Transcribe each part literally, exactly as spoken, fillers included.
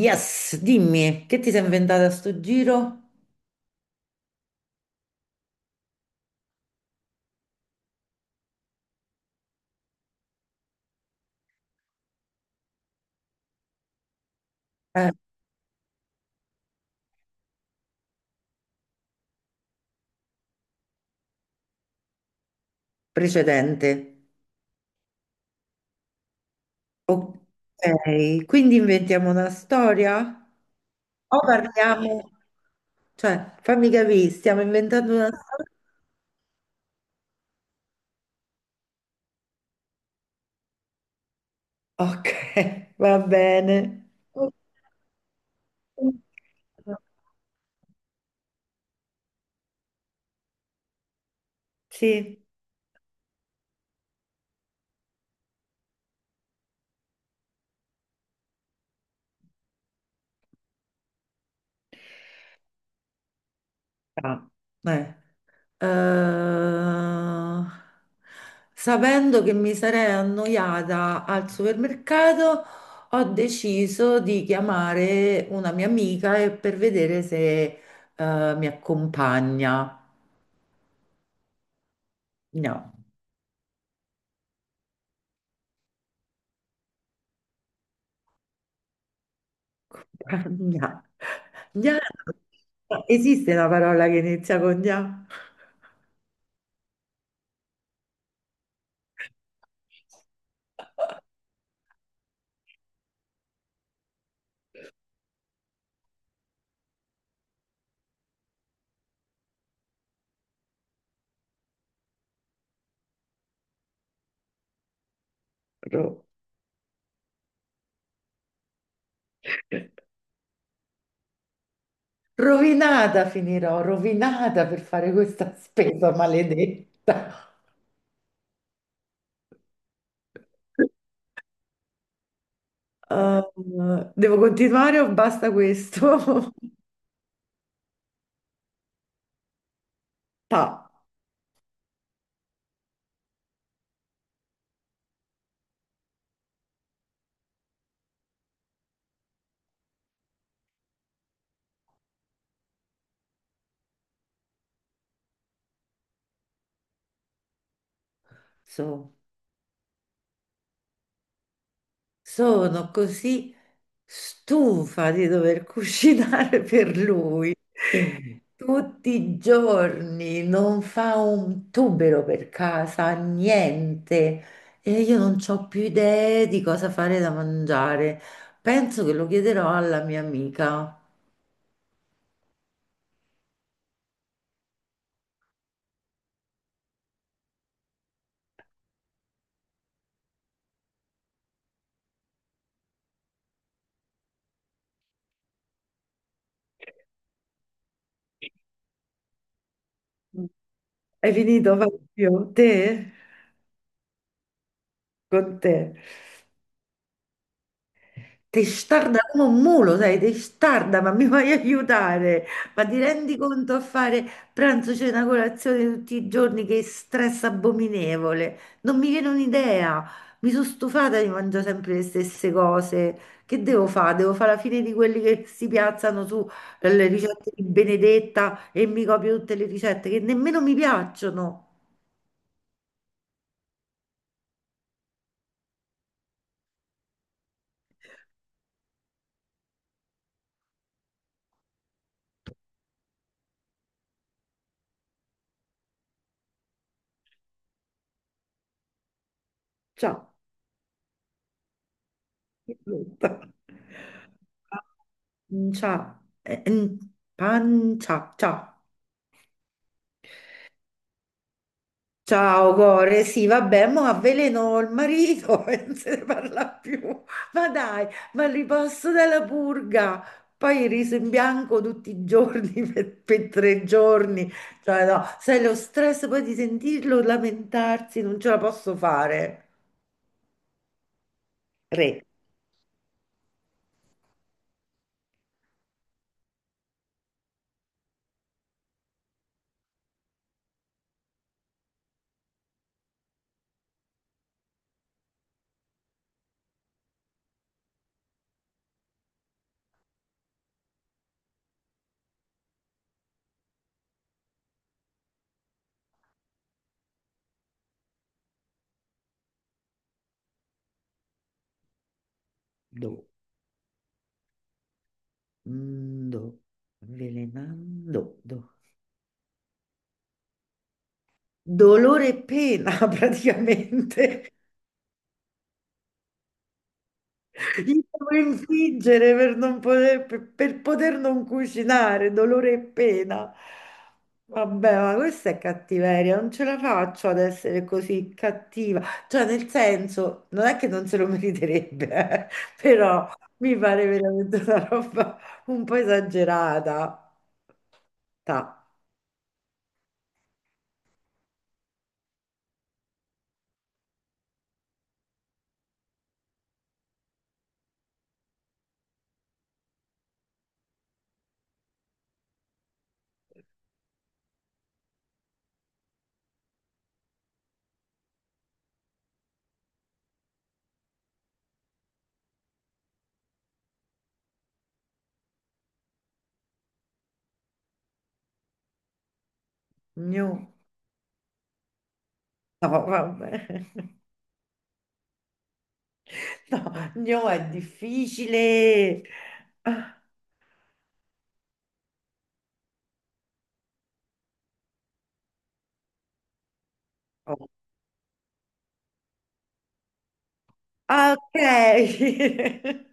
Yes, dimmi, che ti sei inventata a sto giro? Eh, Precedente. Ok, quindi inventiamo una storia? O parliamo? Cioè, fammi capire, stiamo inventando una storia? Ok, va bene. Sì. Ah, eh. eh, Sapendo che mi sarei annoiata al supermercato, ho deciso di chiamare una mia amica e- per vedere se, eh, mi accompagna. No, compagna. Gna. Esiste una parola che inizia con gna? Ro- Rovinata finirò, rovinata per fare questa spesa maledetta. Uh, Devo continuare o basta questo? Pa, so- Sono così stufa di dover cucinare per lui. Tutti i giorni non fa un tubero per casa, niente. E io non ho più idee di cosa fare da mangiare. Penso che lo chiederò alla mia amica. Hai finito, Fabio? Te? Con te? Testarda come un mulo, sai, testarda, ma mi vai a aiutare? Ma ti rendi conto a fare pranzo, cena, colazione tutti i giorni? Che stress abominevole! Non mi viene un'idea. Mi sono stufata di mangiare sempre le stesse cose. Che devo fare? Devo fare la fine di quelli che si piazzano sulle ricette di Benedetta e mi copio tutte le ricette che nemmeno mi piacciono. Ciao. Brutta. Pancia, eh, mm, pancia, ciao. Ciao, cuore, sì, vabbè, mo avveleno il marito e non se ne parla più. Ma dai, ma riposto dalla purga. Poi il riso in bianco tutti i giorni per, per tre giorni. Cioè, no, sai, lo stress poi di sentirlo lamentarsi, non ce la posso fare. Re, do, mm, do, avvelenando, do. Dolore e pena praticamente. Io devo infliggere per non poter, per, per poter non cucinare, dolore e pena. Vabbè, ma questa è cattiveria, non ce la faccio ad essere così cattiva. Cioè, nel senso, non è che non se lo meriterebbe, eh, però mi pare veramente una roba un po' esagerata. Ta. Gnu. No, vabbè. No, no, è difficile. Ah, ah, ok.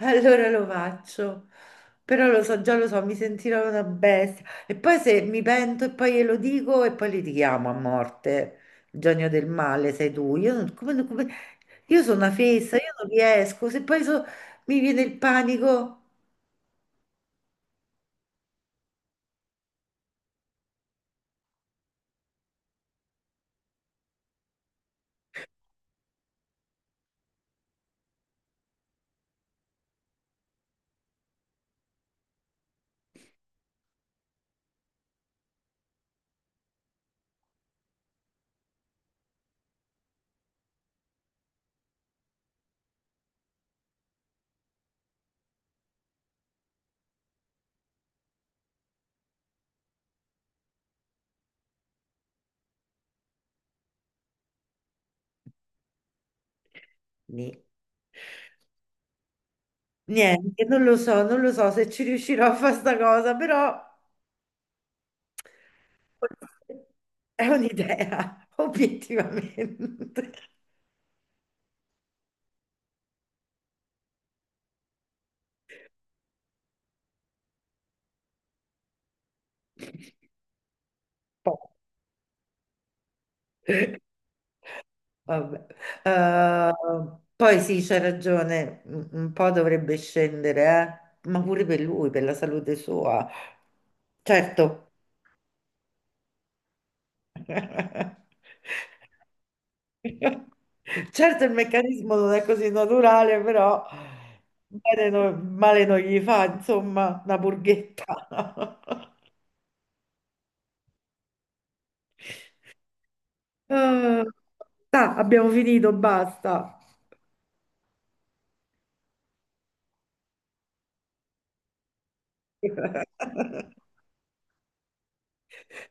Allora lo faccio. Però lo so, già lo so, mi sentirò una bestia. E poi se mi pento e poi glielo dico e poi litighiamo a morte. Il genio del male sei tu. Io, non- come- come- io sono una fessa, io non riesco. Se poi so- mi viene il panico. Ni- Niente, non lo so, non lo so se ci riuscirò a fare sta cosa, però. È un'idea, obiettivamente. Po- Vabbè. Eh, Poi sì, c'è ragione, un un po' dovrebbe scendere, eh, ma pure per lui, per la salute sua. Certo. Certo, il meccanismo non è così naturale, però bene no- male non gli fa, insomma, una burghetta. Ah, abbiamo finito, basta.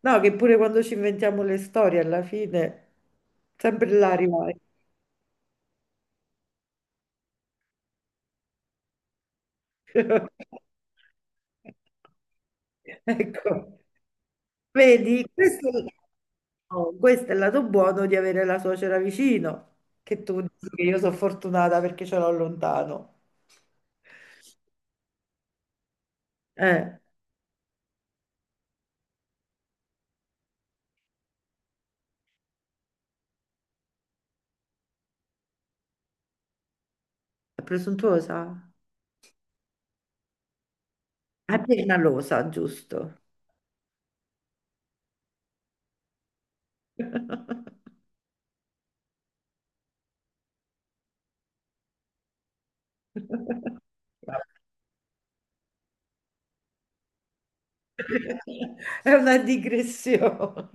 No, che pure quando ci inventiamo le storie, alla fine sempre là arrivai. Ecco, vedi, questo, oh, questo è il lato buono di avere la suocera vicino, che tu dici che io sono fortunata perché ce l'ho lontano. Eh, è presuntuosa? È permalosa, giusto. Vabbè. È una digressione.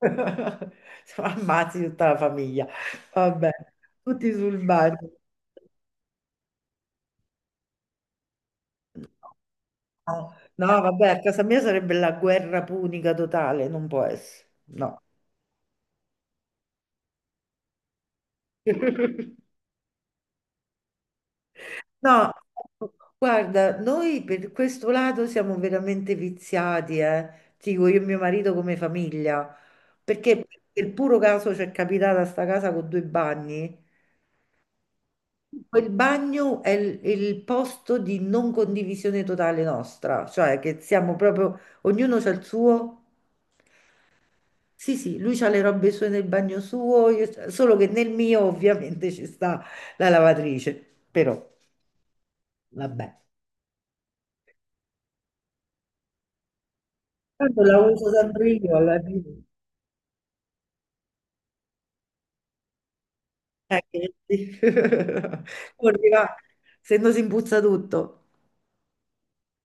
Siamo Ammazzi tutta la famiglia. Vabbè, tutti sul bagno. No, no, no, vabbè, a casa mia sarebbe la guerra punica totale, non può essere. No. No, guarda, noi per questo lato siamo veramente viziati, eh. Ti dico io e mio marito come famiglia, perché per puro caso ci è capitata sta casa con due bagni. Quel bagno è il, il posto di non condivisione totale nostra, cioè che siamo proprio, ognuno c'ha il suo. Sì, sì, lui c'ha le robe sue nel bagno suo, io c'ho- solo che nel mio ovviamente ci sta la lavatrice, però vabbè. Tanto la uso sempre io alla fine. Eh, che sì. Come dirà, se no si impuzza tutto.